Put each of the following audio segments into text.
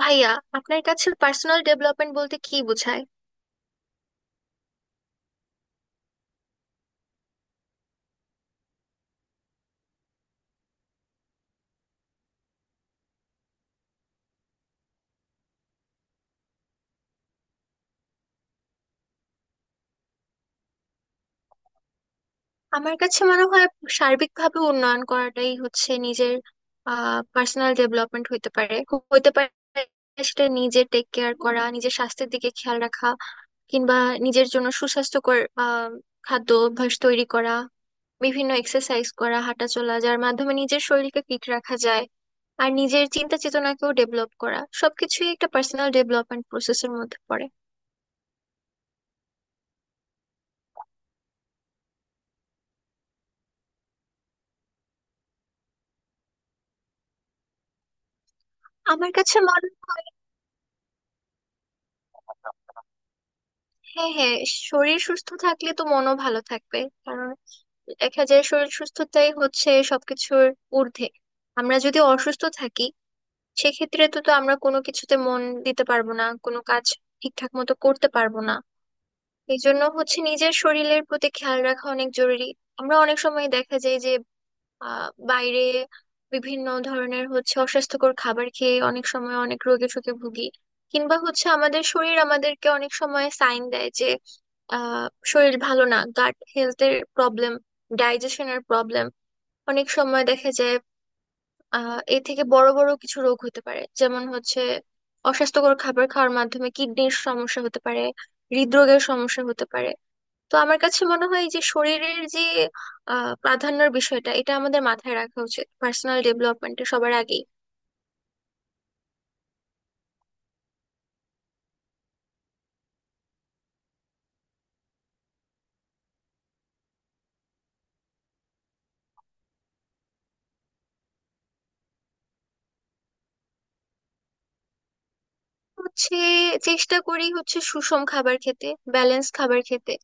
ভাইয়া, আপনার কাছে পার্সোনাল ডেভেলপমেন্ট বলতে কি বোঝায়? আমার কাছে মনে হয় সার্বিকভাবে উন্নয়ন করাটাই হচ্ছে নিজের পার্সোনাল ডেভেলপমেন্ট। হইতে পারে হইতে পারে সেটা নিজে টেক কেয়ার করা, নিজের স্বাস্থ্যের দিকে খেয়াল রাখা, কিংবা নিজের জন্য সুস্বাস্থ্যকর আহ খাদ্য অভ্যাস তৈরি করা, বিভিন্ন এক্সারসাইজ করা, হাঁটা চলা, যার মাধ্যমে নিজের শরীরকে ফিট রাখা যায়। আর নিজের চিন্তা চেতনাকেও ডেভেলপ করা, সবকিছুই একটা পার্সোনাল ডেভেলপমেন্ট প্রসেসের মধ্যে পড়ে। আমার কাছে মনে হয়, হ্যাঁ হ্যাঁ, শরীর সুস্থ থাকলে তো মনও ভালো থাকবে। কারণ দেখা যায় শরীর সুস্থতাই হচ্ছে সবকিছুর ঊর্ধ্বে। আমরা যদি অসুস্থ থাকি, সেক্ষেত্রে তো তো আমরা কোনো কিছুতে মন দিতে পারবো না, কোনো কাজ ঠিকঠাক মতো করতে পারবো না। এই জন্য হচ্ছে নিজের শরীরের প্রতি খেয়াল রাখা অনেক জরুরি। আমরা অনেক সময় দেখা যায় যে বাইরে বিভিন্ন ধরনের হচ্ছে অস্বাস্থ্যকর খাবার খেয়ে অনেক সময় অনেক রোগে শোকে ভুগি, কিংবা হচ্ছে আমাদের শরীর আমাদেরকে অনেক সময় সাইন দেয় যে শরীর ভালো না, গাট হেলথের প্রবলেম, ডাইজেশনের প্রবলেম। অনেক সময় দেখা যায় এ থেকে বড় বড় কিছু রোগ হতে পারে, যেমন হচ্ছে অস্বাস্থ্যকর খাবার খাওয়ার মাধ্যমে কিডনির সমস্যা হতে পারে, হৃদরোগের সমস্যা হতে পারে। তো আমার কাছে মনে হয় যে শরীরের যে প্রাধান্যের বিষয়টা, এটা আমাদের মাথায় রাখা উচিত পার্সোনাল ডেভেলপমেন্টে সবার আগেই। হচ্ছে চেষ্টা করি হচ্ছে সুষম খাবার খেতে, ব্যালেন্স খাবার খেতে।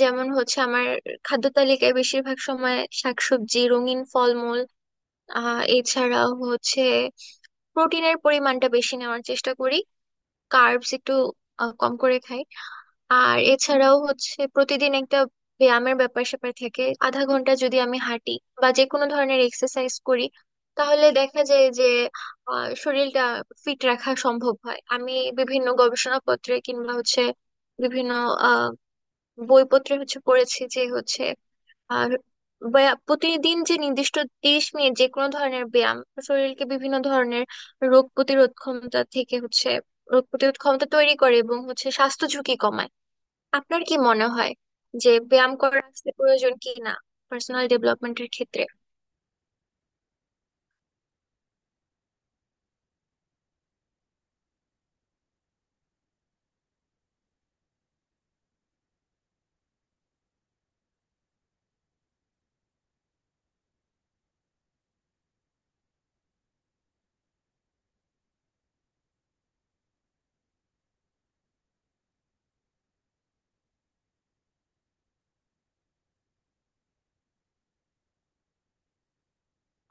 যেমন হচ্ছে আমার খাদ্য তালিকায় বেশিরভাগ সময় শাকসবজি, রঙিন ফলমূল। এছাড়াও হচ্ছে প্রোটিনের পরিমাণটা বেশি নেওয়ার চেষ্টা করি, কার্বস একটু কম করে খাই। আর এছাড়াও হচ্ছে প্রতিদিন একটা ব্যায়ামের ব্যাপার স্যাপার থেকে আধা ঘন্টা যদি আমি হাঁটি বা যে কোনো ধরনের এক্সারসাইজ করি, তাহলে দেখা যায় যে শরীরটা ফিট রাখা সম্ভব হয়। আমি বিভিন্ন গবেষণাপত্রে কিংবা হচ্ছে বিভিন্ন আহ বইপত্রে হচ্ছে পড়েছি যে হচ্ছে আর প্রতিদিন যে নির্দিষ্ট 30 মিনিট যে কোনো ধরনের ব্যায়াম শরীরকে বিভিন্ন ধরনের রোগ প্রতিরোধ ক্ষমতা থেকে হচ্ছে রোগ প্রতিরোধ ক্ষমতা তৈরি করে এবং হচ্ছে স্বাস্থ্য ঝুঁকি কমায়। আপনার কি মনে হয় যে ব্যায়াম করা আসলে প্রয়োজন কি না পার্সোনাল ডেভেলপমেন্টের ক্ষেত্রে?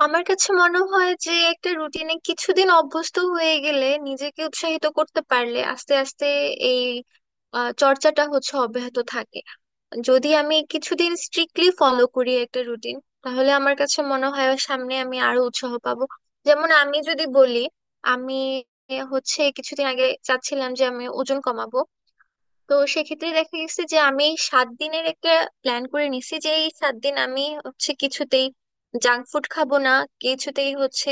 আমার কাছে মনে হয় যে একটা রুটিনে কিছুদিন অভ্যস্ত হয়ে গেলে, নিজেকে উৎসাহিত করতে পারলে, আস্তে আস্তে এই চর্চাটা হচ্ছে অব্যাহত থাকে। যদি আমি কিছুদিন স্ট্রিক্টলি ফলো করি একটা রুটিন, তাহলে আমার কাছে মনে হয় সামনে আমি আরো উৎসাহ পাবো। যেমন আমি যদি বলি, আমি হচ্ছে কিছুদিন আগে চাচ্ছিলাম যে আমি ওজন কমাবো। তো সেক্ষেত্রে দেখা গেছে যে আমি 7 দিনের একটা প্ল্যান করে নিছি যে এই 7 দিন আমি হচ্ছে কিছুতেই জাঙ্ক ফুড খাবো না, কিছুতেই হচ্ছে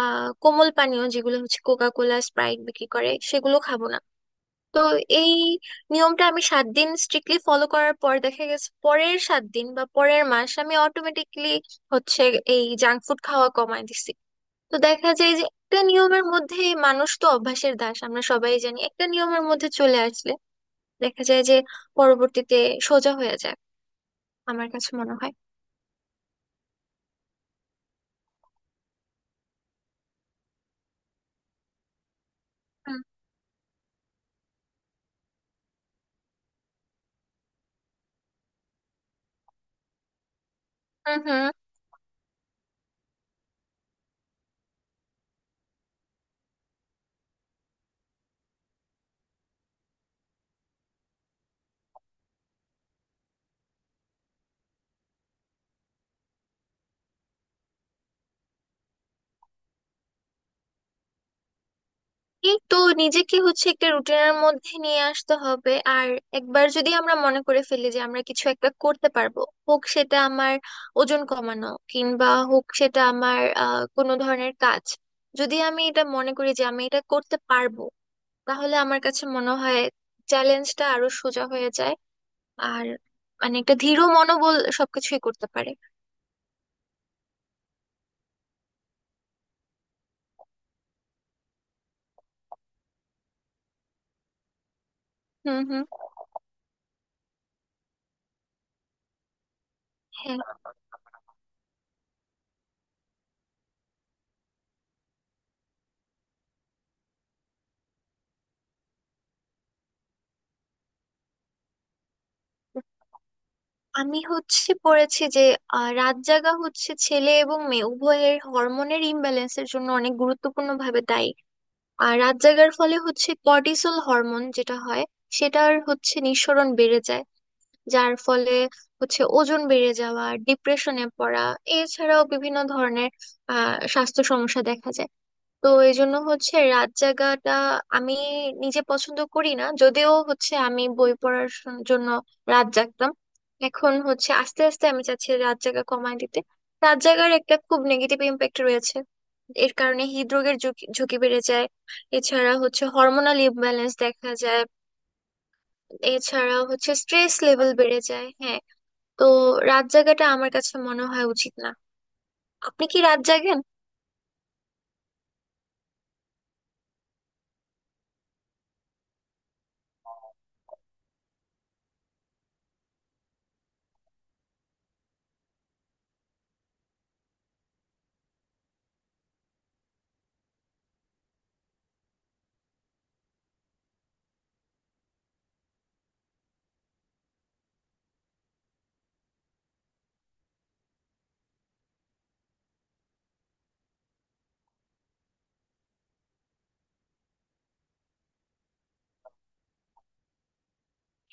কোমল পানীয় যেগুলো হচ্ছে কোকা কোলা, স্প্রাইট বিক্রি করে সেগুলো খাবো না। তো এই নিয়মটা আমি সাত দিন স্ট্রিক্টলি ফলো করার পর দেখা গেছে পরের 7 দিন বা পরের মাস আমি অটোমেটিকলি হচ্ছে এই জাঙ্ক ফুড খাওয়া কমায় দিছি। তো দেখা যায় যে একটা নিয়মের মধ্যে মানুষ, তো অভ্যাসের দাস আমরা সবাই জানি, একটা নিয়মের মধ্যে চলে আসলে দেখা যায় যে পরবর্তীতে সোজা হয়ে যায়। আমার কাছে মনে হয়। হুম হুম হুম। এই তো নিজেকে হচ্ছে একটা রুটিনের মধ্যে নিয়ে আসতে হবে। আর একবার যদি আমরা মনে করে ফেলি যে আমরা কিছু একটা করতে পারবো, হোক সেটা আমার ওজন কমানো কিংবা হোক সেটা আমার কোনো ধরনের কাজ, যদি আমি এটা মনে করি যে আমি এটা করতে পারবো, তাহলে আমার কাছে মনে হয় চ্যালেঞ্জটা আরো সোজা হয়ে যায়। আর মানে একটা দৃঢ় মনোবল সবকিছুই করতে পারে। হুম হুম, হ্যাঁ। আমি হচ্ছে পড়েছি যে রাত জাগা হচ্ছে ছেলে এবং মেয়ে উভয়ের হরমোনের ইমব্যালেন্সের জন্য অনেক গুরুত্বপূর্ণ ভাবে দায়ী। আর রাত জাগার ফলে হচ্ছে কর্টিসল হরমোন যেটা হয়, সেটার হচ্ছে নিঃসরণ বেড়ে যায়, যার ফলে হচ্ছে ওজন বেড়ে যাওয়া, ডিপ্রেশনে পড়া, এছাড়াও বিভিন্ন ধরনের স্বাস্থ্য সমস্যা দেখা যায়। তো এই জন্য হচ্ছে রাত জাগাটা আমি নিজে পছন্দ করি না, যদিও হচ্ছে আমি বই পড়ার জন্য রাত জাগতাম। এখন হচ্ছে আস্তে আস্তে আমি চাচ্ছি রাত জাগা কমায় দিতে। রাত জাগার একটা খুব নেগেটিভ ইমপ্যাক্ট রয়েছে। এর কারণে হৃদরোগের ঝুঁকি ঝুঁকি বেড়ে যায়। এছাড়া হচ্ছে হরমোনাল ইমব্যালেন্স দেখা যায়, এছাড়া হচ্ছে স্ট্রেস লেভেল বেড়ে যায়, হ্যাঁ। তো রাত জাগাটা আমার কাছে মনে হয় উচিত না। আপনি কি রাত জাগেন?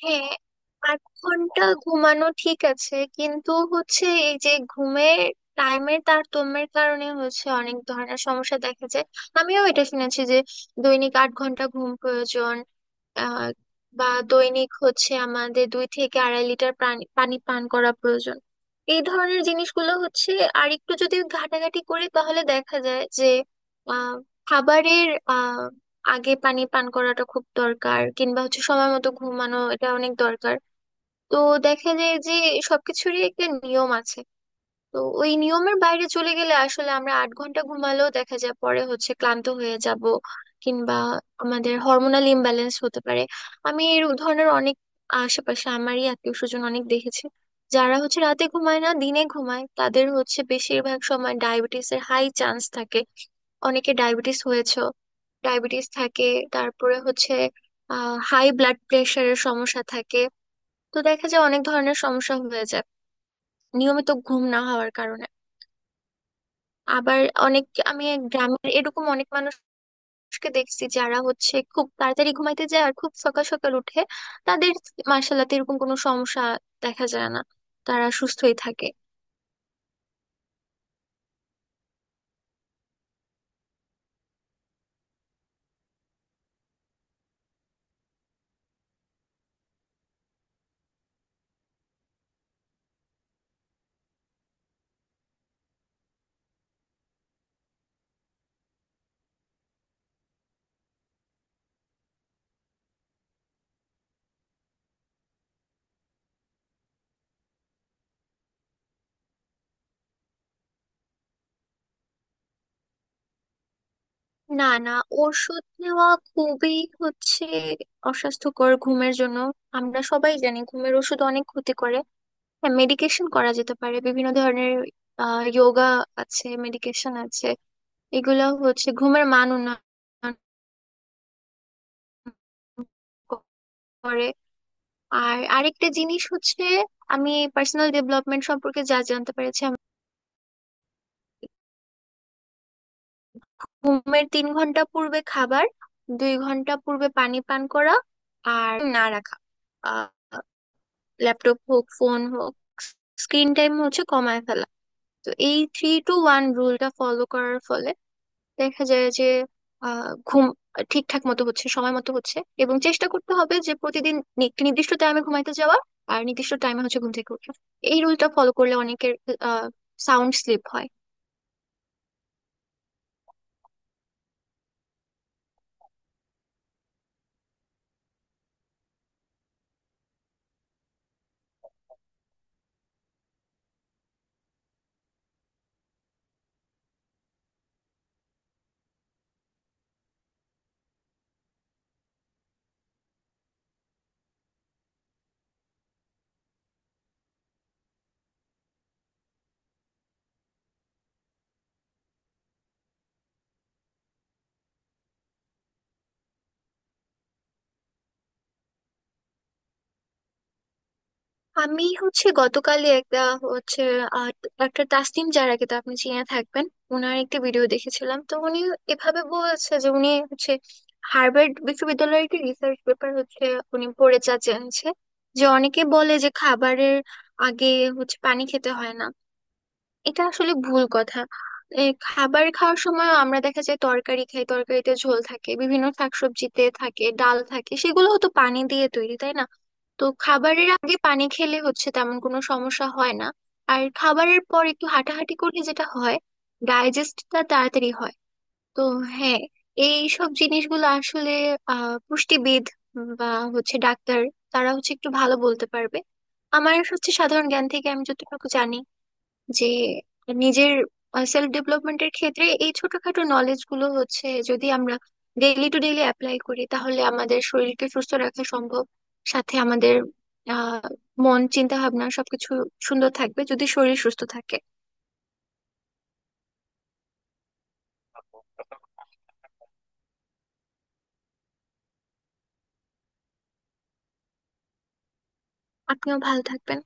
হ্যাঁ, 8 ঘন্টা ঘুমানো ঠিক আছে, কিন্তু হচ্ছে এই যে ঘুমের টাইমের তারতম্যের কারণে হচ্ছে অনেক ধরনের সমস্যা দেখা যায়। আমিও এটা শুনেছি যে দৈনিক 8 ঘন্টা ঘুম প্রয়োজন। আহ বা দৈনিক হচ্ছে আমাদের দুই থেকে আড়াই লিটার পানি পানি পান করা প্রয়োজন। এই ধরনের জিনিসগুলো হচ্ছে, আর একটু যদি ঘাটাঘাটি করি, তাহলে দেখা যায় যে আহ খাবারের আগে পানি পান করাটা খুব দরকার, কিংবা হচ্ছে সময় মতো ঘুমানো, এটা অনেক দরকার। তো দেখা যায় যে সবকিছুরই একটা নিয়ম আছে। তো ওই নিয়মের বাইরে চলে গেলে আসলে আমরা 8 ঘন্টা ঘুমালেও দেখা যায় পরে হচ্ছে ক্লান্ত হয়ে যাব, কিংবা আমাদের হরমোনাল ইমব্যালেন্স হতে পারে। আমি এই ধরনের অনেক আশেপাশে আমারই আত্মীয় স্বজন অনেক দেখেছি, যারা হচ্ছে রাতে ঘুমায় না, দিনে ঘুমায়, তাদের হচ্ছে বেশিরভাগ সময় ডায়াবেটিসের হাই চান্স থাকে। অনেকে ডায়াবেটিস হয়েছে, ডায়াবেটিস থাকে। তারপরে হচ্ছে হাই ব্লাড প্রেশারের সমস্যা থাকে। তো দেখা যায় অনেক ধরনের সমস্যা হয়ে যায় নিয়মিত ঘুম না হওয়ার কারণে। আবার অনেক আমি গ্রামের এরকম অনেক মানুষকে দেখছি, যারা হচ্ছে খুব তাড়াতাড়ি ঘুমাইতে যায় আর খুব সকাল সকাল উঠে। তাদের মার্শাল্লাহ এরকম কোনো সমস্যা দেখা যায় না, তারা সুস্থই থাকে। না না, ওষুধ নেওয়া খুবই হচ্ছে অস্বাস্থ্যকর ঘুমের জন্য। আমরা সবাই জানি ঘুমের ওষুধ অনেক ক্ষতি করে। হ্যাঁ, মেডিকেশন করা যেতে পারে, বিভিন্ন ধরনের যোগা আছে, মেডিকেশন আছে, এগুলো হচ্ছে ঘুমের মান উন্নয়ন করে। আর আরেকটা জিনিস হচ্ছে, আমি পার্সোনাল ডেভেলপমেন্ট সম্পর্কে যা জানতে পেরেছি, আমি ঘুমের 3 ঘন্টা পূর্বে খাবার, 2 ঘন্টা পূর্বে পানি পান করা, আর না রাখা ল্যাপটপ হোক, ফোন হোক, স্ক্রিন টাইম হচ্ছে কমায় ফেলা। তো এই থ্রি টু ওয়ান রুলটা ফলো করার ফলে দেখা যায় যে ঘুম ঠিকঠাক মতো হচ্ছে, সময় মতো হচ্ছে। এবং চেষ্টা করতে হবে যে প্রতিদিন একটি নির্দিষ্ট টাইমে ঘুমাইতে যাওয়া আর নির্দিষ্ট টাইমে হচ্ছে ঘুম থেকে ওঠা। এই রুলটা ফলো করলে অনেকের সাউন্ড স্লিপ হয়। আমি হচ্ছে গতকালই একটা হচ্ছে আহ, একটা তাসনিম জারাকে তো আপনি চিনে থাকবেন, ওনার একটি ভিডিও দেখেছিলাম। তো উনি এভাবে বলছে যে উনি হচ্ছে হার্ভার্ড বিশ্ববিদ্যালয়ের একটি রিসার্চ পেপার হচ্ছে উনি পড়ে যা জেনেছে যে অনেকে বলে যে খাবারের আগে হচ্ছে পানি খেতে হয় না, এটা আসলে ভুল কথা। এ, খাবার খাওয়ার সময় আমরা দেখা যায় তরকারি খাই, তরকারিতে ঝোল থাকে, বিভিন্ন শাকসবজিতে থাকে, ডাল থাকে, সেগুলোও তো পানি দিয়ে তৈরি, তাই না? তো খাবারের আগে পানি খেলে হচ্ছে তেমন কোনো সমস্যা হয় না। আর খাবারের পর একটু হাঁটাহাঁটি করলে যেটা হয়, ডাইজেস্টটা তাড়াতাড়ি হয়। তো হ্যাঁ, এই সব জিনিসগুলো আসলে পুষ্টিবিদ বা হচ্ছে ডাক্তার, তারা হচ্ছে একটু ভালো বলতে পারবে। আমার হচ্ছে সাধারণ জ্ঞান থেকে আমি যতটুকু জানি, যে নিজের সেলফ ডেভেলপমেন্টের ক্ষেত্রে এই ছোটখাটো নলেজ গুলো হচ্ছে যদি আমরা ডেইলি টু ডেইলি অ্যাপ্লাই করি, তাহলে আমাদের শরীরকে সুস্থ রাখা সম্ভব। সাথে আমাদের আহ মন, চিন্তা ভাবনা সবকিছু সুন্দর থাকবে যদি শরীর সুস্থ থাকে। আপনিও ভালো থাকবেন।